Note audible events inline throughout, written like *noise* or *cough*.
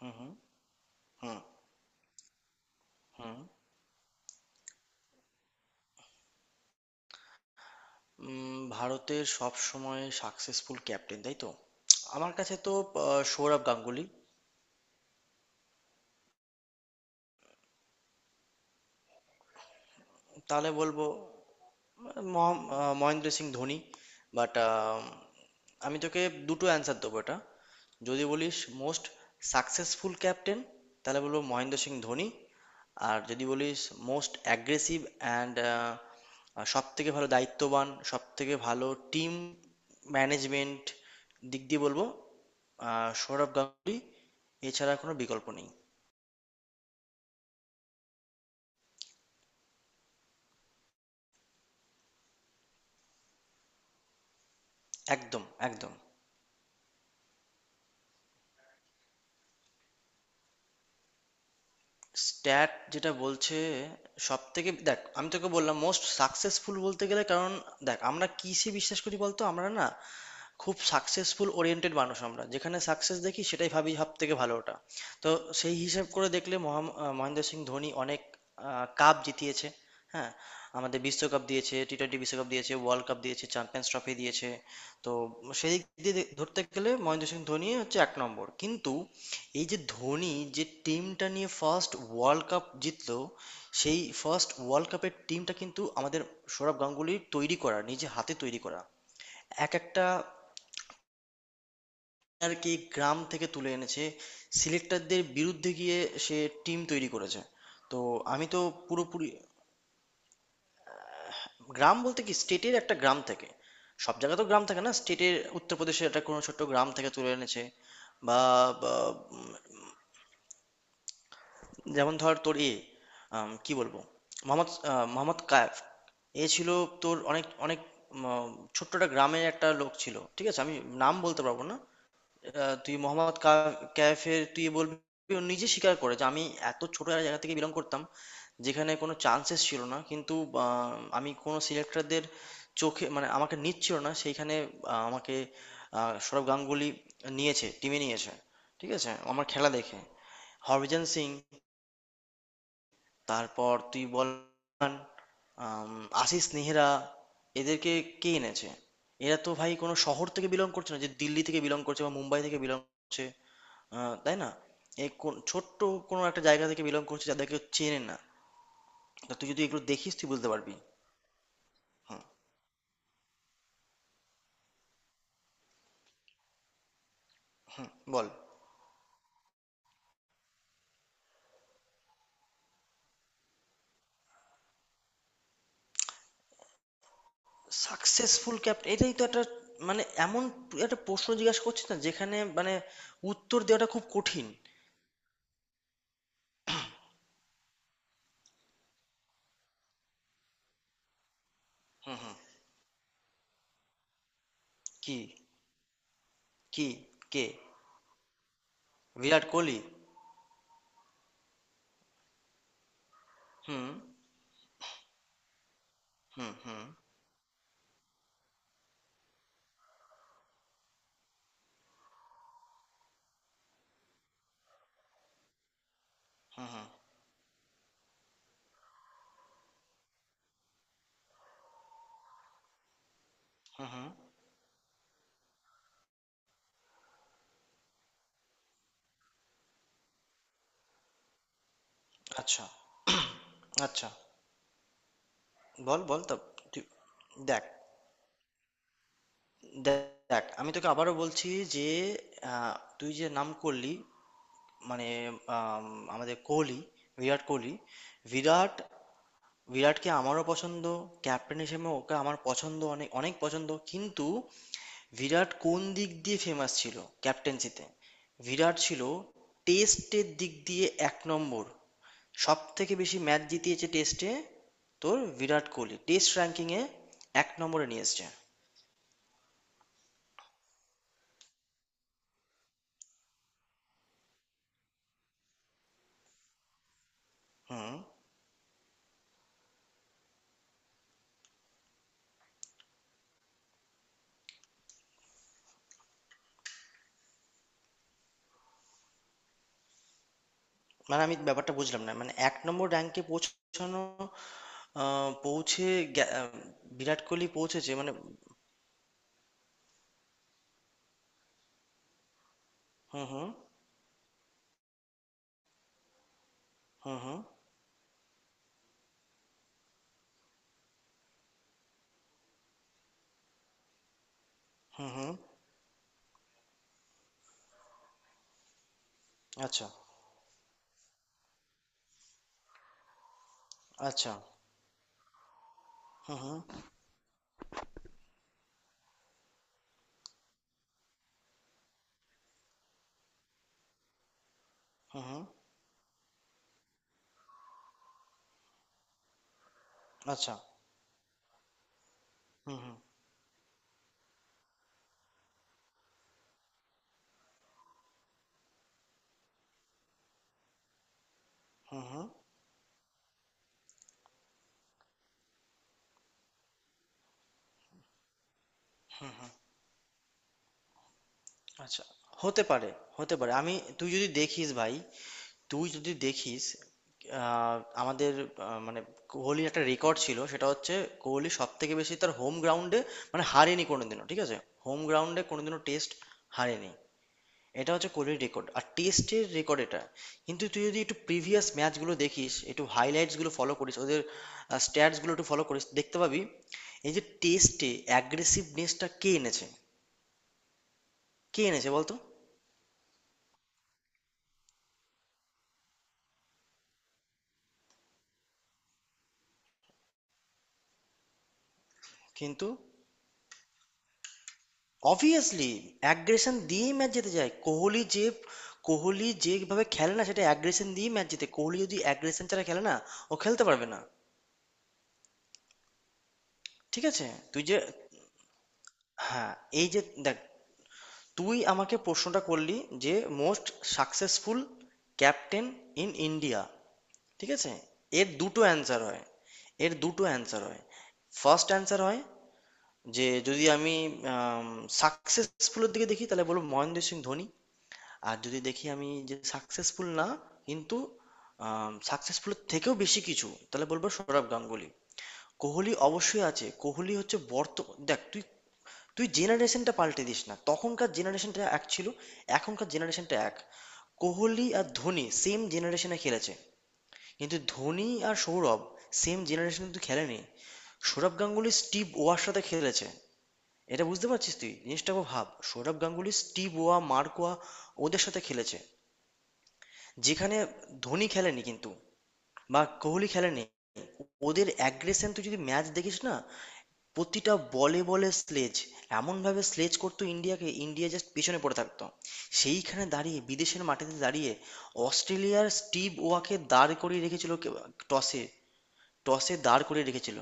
হুম, হুম, হুম, হুম। ভারতের সব সময় সাকসেসফুল ক্যাপ্টেন, তাই তো? আমার কাছে তো সৌরভ গাঙ্গুলি। তাহলে বলবো মহেন্দ্র সিং ধোনি। বাট আমি তোকে দুটো অ্যান্সার দেবো এটা। যদি বলিস মোস্ট সাকসেসফুল ক্যাপ্টেন, তাহলে বলবো মহেন্দ্র সিং ধোনি। আর যদি বলিস মোস্ট অ্যাগ্রেসিভ অ্যান্ড সব থেকে ভালো দায়িত্ববান, সব থেকে ভালো টিম ম্যানেজমেন্ট দিক দিয়ে, বলবো সৌরভ গাঙ্গুলি। এছাড়া কোনো বিকল্প নেই। একদম, একদম। স্ট্যাট যেটা বলছে, সব থেকে দেখ, আমি তোকে বললাম মোস্ট সাকসেসফুল বলতে গেলে, কারণ দেখ, আমরা কিসে বিশ্বাস করি বলতো, আমরা না খুব সাকসেসফুল ওরিয়েন্টেড মানুষ, আমরা যেখানে সাকসেস দেখি সেটাই ভাবি সব থেকে ভালো ওটা। তো সেই হিসেব করে দেখলে মহেন্দ্র সিং ধোনি অনেক কাপ জিতিয়েছে। হ্যাঁ, আমাদের বিশ্বকাপ দিয়েছে, টি-টোয়েন্টি বিশ্বকাপ দিয়েছে, ওয়ার্ল্ড কাপ দিয়েছে, চ্যাম্পিয়ন্স ট্রফি দিয়েছে। তো সেই দিক দিয়ে ধরতে গেলে মহেন্দ্র সিং ধোনি হচ্ছে এক নম্বর। কিন্তু এই যে ধোনি যে টিমটা নিয়ে ফার্স্ট ওয়ার্ল্ড কাপ জিতলো, সেই ফার্স্ট ওয়ার্ল্ড কাপের টিমটা কিন্তু আমাদের সৌরভ গাঙ্গুলির তৈরি করা, নিজে হাতে তৈরি করা। এক একটা আর কি গ্রাম থেকে তুলে এনেছে, সিলেক্টারদের বিরুদ্ধে গিয়ে সে টিম তৈরি করেছে। তো আমি তো পুরোপুরি, গ্রাম বলতে কি, স্টেটের একটা গ্রাম থেকে, সব জায়গা তো গ্রাম থাকে না, স্টেটের উত্তরপ্রদেশের একটা কোনো ছোট্ট গ্রাম থেকে তুলে এনেছে। বা, বা, উম, যেমন ধর তোর এ, কি বলবো, মোহাম্মদ কায়েফ এ ছিল তোর, অনেক অনেক উম, ছোট্ট একটা গ্রামের একটা লোক ছিল। ঠিক আছে, আমি নাম বলতে পারবো না। তুই কাইফের তুই বলবি, ও নিজে স্বীকার করে যে আমি এত ছোট একটা জায়গা থেকে বিলং করতাম, যেখানে কোনো চান্সেস ছিল না। কিন্তু আমি কোনো সিলেক্টরদের চোখে, মানে আমাকে নিচ্ছিল না সেইখানে আমাকে সৌরভ গাঙ্গুলি নিয়েছে, টিমে নিয়েছে। ঠিক আছে, আমার খেলা দেখে। হরভজন সিং, তারপর তুই বল, আম, আশিস নেহরা, এদেরকে কে এনেছে? এরা তো ভাই কোনো শহর থেকে বিলং করছে না, যে দিল্লি থেকে বিলং করছে বা মুম্বাই থেকে বিলং করছে। তাই না? এই কোন ছোট্ট কোনো একটা জায়গা থেকে বিলং করছে, যাদেরকে কেউ চেনে না। তা তুই যদি এগুলো দেখিস, তুই বুঝতে পারবি। বল। সাকসেসফুল ক্যাপ্টেন, এটাই তো একটা মানে এমন একটা প্রশ্ন জিজ্ঞাসা করছিস না, যেখানে মানে উত্তর দেওয়াটা খুব কঠিন। কি? কি? কে? বিরাট কোহলি। হুম, হুম, হুম, হুম, হুম, হুম, হুম। আচ্ছা। *clears throat* আচ্ছা। বল, বল তো তুই। দেখ, দেখ, দেখ, আমি তোকে আবারও বলছি যে আহ, তুই যে নাম করলি, মানে আম, আমাদের কোহলি, বিরাট কোহলি, বিরাট, বিরাটকে আমারও পছন্দ। ক্যাপ্টেন হিসেবে ওকে আমার পছন্দ, অনেক অনেক পছন্দ। কিন্তু বিরাট কোন দিক দিয়ে ফেমাস ছিল ক্যাপ্টেন্সিতে? বিরাট ছিল টেস্টের দিক দিয়ে এক নম্বর। সব থেকে বেশি ম্যাচ জিতিয়েছে টেস্টে। তোর বিরাট কোহলি টেস্ট র্যাঙ্কিংয়ে এক নম্বরে নিয়ে এসছে। হুম। মানে আমি ব্যাপারটা বুঝলাম না, মানে এক নম্বর র্যাঙ্কে পৌঁছানো পৌঁছে গে- আহ, বিরাট কোহলি পৌঁছেছে মানে? হুম, হুম, হুম, হুম, হুম, হুম। আচ্ছা, আচ্ছা। হুম, হুম, হুম, হুম। আচ্ছা। হুম, হুম, হুম, হুম। আচ্ছা, হতে পারে, হতে পারে। আমি, তুই যদি দেখিস ভাই, তুই যদি দেখিস, আহ, আমাদের মানে কোহলির একটা রেকর্ড ছিল, সেটা হচ্ছে কোহলি সব থেকে বেশি তার হোম গ্রাউন্ডে মানে হারেনি কোনোদিনও। ঠিক আছে, হোম গ্রাউন্ডে কোনোদিনও টেস্ট হারেনি। এটা হচ্ছে কোহলির রেকর্ড, আর টেস্টের রেকর্ড এটা। কিন্তু তুই যদি একটু প্রিভিয়াস ম্যাচগুলো দেখিস, একটু হাইলাইটসগুলো ফলো করিস ওদের, স্ট্যাটসগুলো একটু ফলো করিস, দেখতে পাবি। এই যে টেস্টে অ্যাগ্রেসিভনেসটা কে এনেছে? কে এনেছে বলতো? কিন্তু অবভিয়াসলি অ্যাগ্রেশন দিয়েই ম্যাচ জিতে যায় কোহলি, যে কোহলি যেভাবে খেলে না, সেটা অ্যাগ্রেশন দিয়েই ম্যাচ জিতে। কোহলি যদি অ্যাগ্রেশন ছাড়া খেলে না, ও খেলতে পারবে না। ঠিক আছে, তুই যে, হ্যাঁ, এই যে দেখ, তুই আমাকে প্রশ্নটা করলি যে most successful captain in India. ঠিক আছে, এর দুটো অ্যান্সার হয়, এর দুটো অ্যান্সার হয়। ফার্স্ট অ্যান্সার হয় যে, যদি আমি সাকসেসফুলের দিকে দেখি, তাহলে বলবো মহেন্দ্র সিং ধোনি। আর যদি দেখি আমি যে সাকসেসফুল না, কিন্তু সাকসেসফুলের থেকেও বেশি কিছু, তাহলে বলবো সৌরভ গাঙ্গুলি। কোহলি অবশ্যই আছে, কোহলি হচ্ছে দেখ তুই, তুই জেনারেশনটা পাল্টে দিস না। তখনকার জেনারেশনটা এক ছিল, এখনকার জেনারেশনটা এক। কোহলি আর ধোনি সেম জেনারেশনে খেলেছে, কিন্তু ধোনি আর সৌরভ সেম জেনারেশনে কিন্তু খেলেনি। সৌরভ গাঙ্গুলি স্টিভ ওয়ার সাথে খেলেছে। এটা বুঝতে পারছিস, তুই জিনিসটা খুব ভাব। সৌরভ গাঙ্গুলি স্টিভ ওয়া, মার্কোয়া, ওদের সাথে খেলেছে, যেখানে ধোনি খেলেনি কিন্তু, বা কোহলি খেলেনি। ওদের অ্যাগ্রেশন তুই যদি ম্যাচ দেখিস না, প্রতিটা বলে বলে স্লেজ, এমনভাবে স্লেজ করতো ইন্ডিয়াকে, ইন্ডিয়া জাস্ট পেছনে পড়ে থাকতো। সেইখানে দাঁড়িয়ে, বিদেশের মাটিতে দাঁড়িয়ে অস্ট্রেলিয়ার স্টিভ ওয়াকে দাঁড় করিয়ে রেখেছিল টসে, টসে দাঁড় করিয়ে রেখেছিল।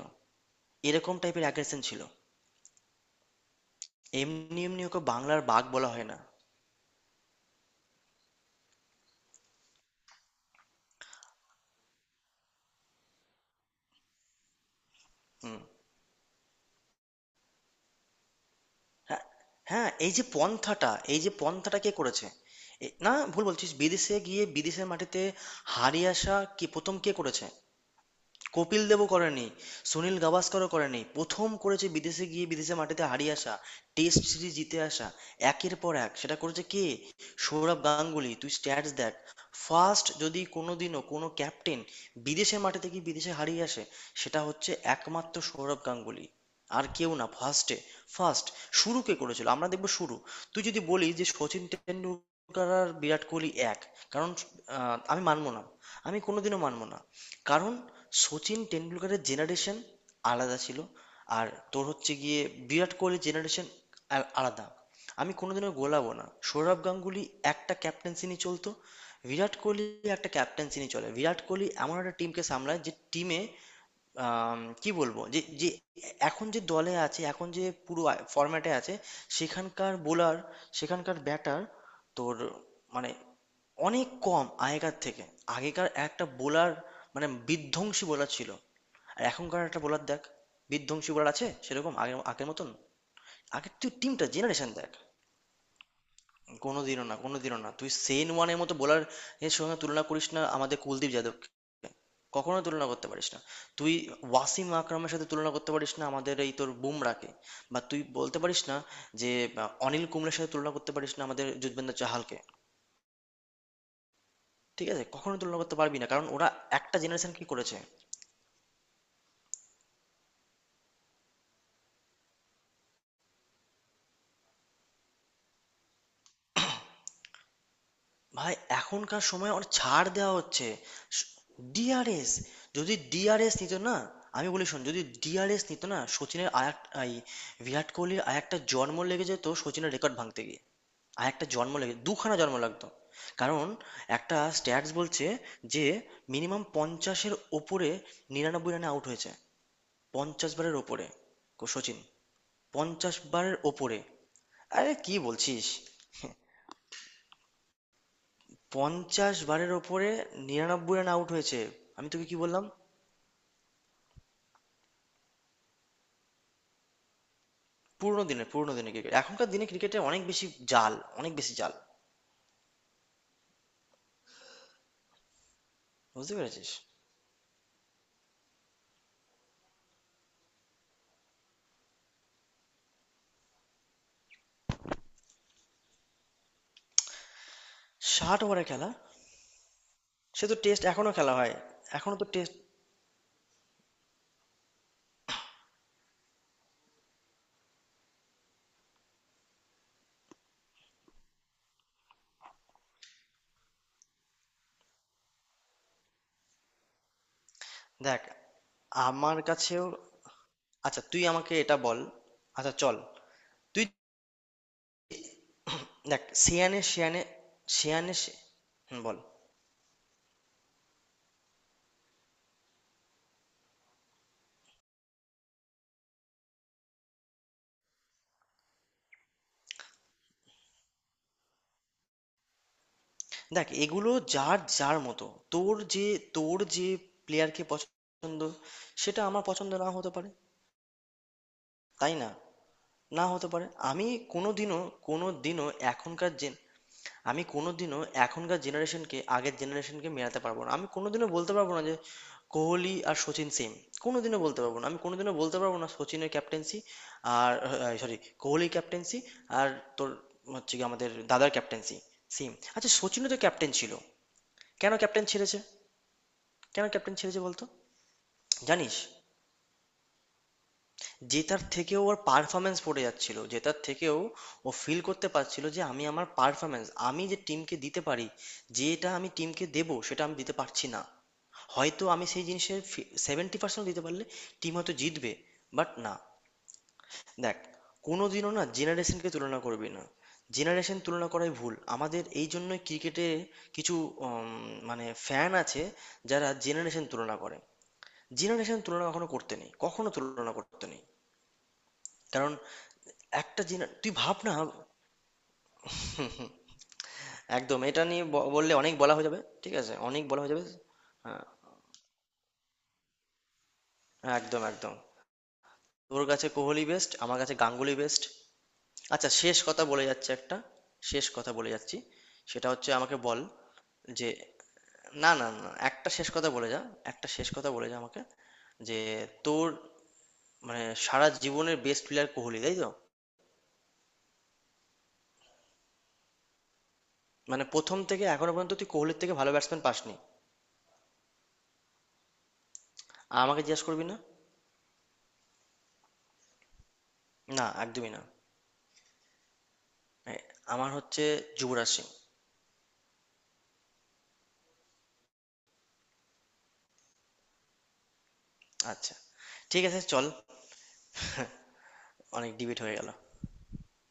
এরকম টাইপের অ্যাগ্রেশন ছিল। এমনি এমনি ওকে বাংলার বাঘ বলা হয় না। হুম। হ্যাঁ। হ্যাঁ, এই যে পন্থাটা, এই যে পন্থাটা কে করেছে? না, ভুল বলছিস। বিদেশে গিয়ে বিদেশের মাটিতে হারিয়ে আসা কি প্রথম কে করেছে? কপিল দেবও করেনি, সুনীল গাভাস্করও করেনি। প্রথম করেছে বিদেশে গিয়ে বিদেশে মাটিতে হারিয়ে আসা, টেস্ট সিরিজ জিতে আসা একের পর এক, সেটা করেছে কে? সৌরভ গাঙ্গুলি। তুই স্ট্যাটস দেখ। ফার্স্ট, যদি কোনোদিনও কোনো ক্যাপ্টেন বিদেশে মাটিতে গিয়ে বিদেশে হারিয়ে আসে, সেটা হচ্ছে একমাত্র সৌরভ গাঙ্গুলি, আর কেউ না, ফার্স্টে। ফার্স্ট, শুরু কে করেছিল আমরা দেখবো, শুরু। তুই যদি বলি যে সচিন টেন্ডুলকার আর বিরাট কোহলি এক, কারণ, আমি মানবো না, আমি কোনোদিনও মানবো না। কারণ সচিন টেন্ডুলকারের জেনারেশন আলাদা ছিল, আর তোর হচ্ছে গিয়ে বিরাট কোহলির জেনারেশন আলাদা। আমি কোনোদিনও গোলাবো না। সৌরভ গাঙ্গুলি একটা ক্যাপ্টেন্সি নিয়ে চলতো, বিরাট কোহলি একটা ক্যাপ্টেন্সি নিয়ে চলে। বিরাট কোহলি এমন একটা টিমকে সামলায় যে টিমে, আম কি বলবো, যে যে এখন যে দলে আছে, এখন যে পুরো ফরম্যাটে আছে, সেখানকার বোলার, সেখানকার ব্যাটার, তোর মানে অনেক কম আগেকার থেকে। আগেকার একটা বোলার, মানে বিধ্বংসী বোলার ছিল, আর এখনকার একটা বোলার দেখ, বিধ্বংসী বোলার আছে সেরকম আগের, আগের মতন? আগের তুই টিমটা জেনারেশন দেখ। কোনোদিনও না, কোনোদিনও না। তুই সেন ওয়ানের মতো বোলার এর সঙ্গে তুলনা করিস না আমাদের কুলদীপ যাদবকে, কখনো তুলনা করতে পারিস না। তুই ওয়াসিম আকরামের সাথে তুলনা করতে পারিস না আমাদের এই তোর বুমরাকে। বা তুই বলতে পারিস না যে অনিল কুম্বলের সাথে তুলনা করতে পারিস না আমাদের যুজবেন্দ্র চাহালকে। ঠিক আছে, কখনো তুলনা করতে পারবি না, কারণ ওরা একটা জেনারেশন কি করেছে। ভাই এখনকার সময়ে অনেক ছাড় দেওয়া হচ্ছে। ডিআরএস, যদি ডিআরএস নিত না, আমি বলি শোন, যদি ডিআরএস নিত না, সচিনের আর এই বিরাট কোহলির আর একটা জন্ম লেগে যেত সচিনের রেকর্ড ভাঙতে গিয়ে, আর একটা জন্ম লেগে, দুখানা জন্ম লাগতো। কারণ একটা স্ট্যাটস বলছে যে মিনিমাম 50-এর ওপরে, 99 রানে আউট হয়েছে 50 বারের ওপরে সচিন। পঞ্চাশ বারের ওপরে। আরে কি বলছিস, 50 বারের ওপরে নিরানব্বই রান আউট হয়েছে। আমি তোকে কি বললাম, পুরোনো দিনে, পুরোনো দিনে ক্রিকেট, এখনকার দিনে ক্রিকেটে অনেক বেশি জাল, অনেক বেশি জাল। বুঝতে পেরেছিস? 60 ওভারের খেলা? সে তো টেস্ট এখনো খেলা হয়। এখনো তো টেস্ট। দেখ আমার কাছেও, আচ্ছা তুই আমাকে এটা বল, আচ্ছা চল তুই দেখ। সেয়ানে সেয়ানে, সেয়ানে সে- হুম, বল। দেখ এগুলো যার যার মতো। তোর যে, তোর যে প্লেয়ারকে পছন্দ, সেটা আমার পছন্দ না হতে পারে, তাই না? না হতে পারে। আমি কোনোদিনও, কোনোদিনও, এখনকার জেন আমি কোনোদিনও এখনকার জেনারেশনকে আগের জেনারেশনকে মেলাতে পারবো না। আমি কোনোদিনও বলতে পারবো না যে কোহলি আর সচিন সেম। কোনোদিনও বলতে পারবো না। আমি কোনোদিনও বলতে পারবো না সচিনের ক্যাপ্টেন্সি আর, সরি, কোহলির ক্যাপ্টেন্সি আর তোর হচ্ছে কি আমাদের দাদার ক্যাপ্টেন্সি সেম। আচ্ছা সচিনও তো ক্যাপ্টেন ছিল। কেন ক্যাপ্টেন ছেড়েছে? কেন ক্যাপ্টেন ছেড়েছে বলতো? জানিস? জেতার থেকেও ওর পারফরমেন্স পড়ে যাচ্ছিল। জেতার থেকেও ও ফিল করতে পারছিল যে আমি আমার পারফরমেন্স, আমি যে টিমকে দিতে পারি, যেটা আমি টিমকে দেবো, সেটা আমি দিতে পারছি না। হয়তো আমি সেই জিনিসের 70% দিতে পারলে টিম হয়তো জিতবে। বাট না, দেখ, কোনোদিনও না জেনারেশনকে তুলনা করবি না। জেনারেশন তুলনা করাই ভুল। আমাদের এই জন্যই ক্রিকেটে কিছু মানে ফ্যান আছে যারা জেনারেশন তুলনা করে। জেনারেশন তুলনা কখনো করতে নেই, কখনো তুলনা করতে নেই। কারণ একটা জিন তুই ভাব না, একদম এটা নিয়ে বললে অনেক বলা হয়ে যাবে। ঠিক আছে, অনেক বলা হয়ে যাবে। হ্যাঁ। হ্যাঁ, একদম, একদম। তোর কাছে কোহলি বেস্ট, আমার কাছে গাঙ্গুলি বেস্ট। আচ্ছা শেষ কথা বলে যাচ্ছে একটা, শেষ কথা বলে যাচ্ছি, সেটা হচ্ছে আমাকে বল যে। না না না, একটা শেষ কথা বলে যা, একটা শেষ কথা বলে যা আমাকে, যে তোর মানে সারা জীবনের বেস্ট প্লেয়ার কোহলি, তাই তো? মানে প্রথম থেকে এখনো পর্যন্ত তুই কোহলির থেকে ভালো ব্যাটসম্যান পাসনি? আর আমাকে জিজ্ঞাসা করবি না। না, একদমই না। এ, আমার হচ্ছে যুবরাজ সিং। আচ্ছা, ঠিক আছে, চল। অনেক ডিবেট হয়ে গেল।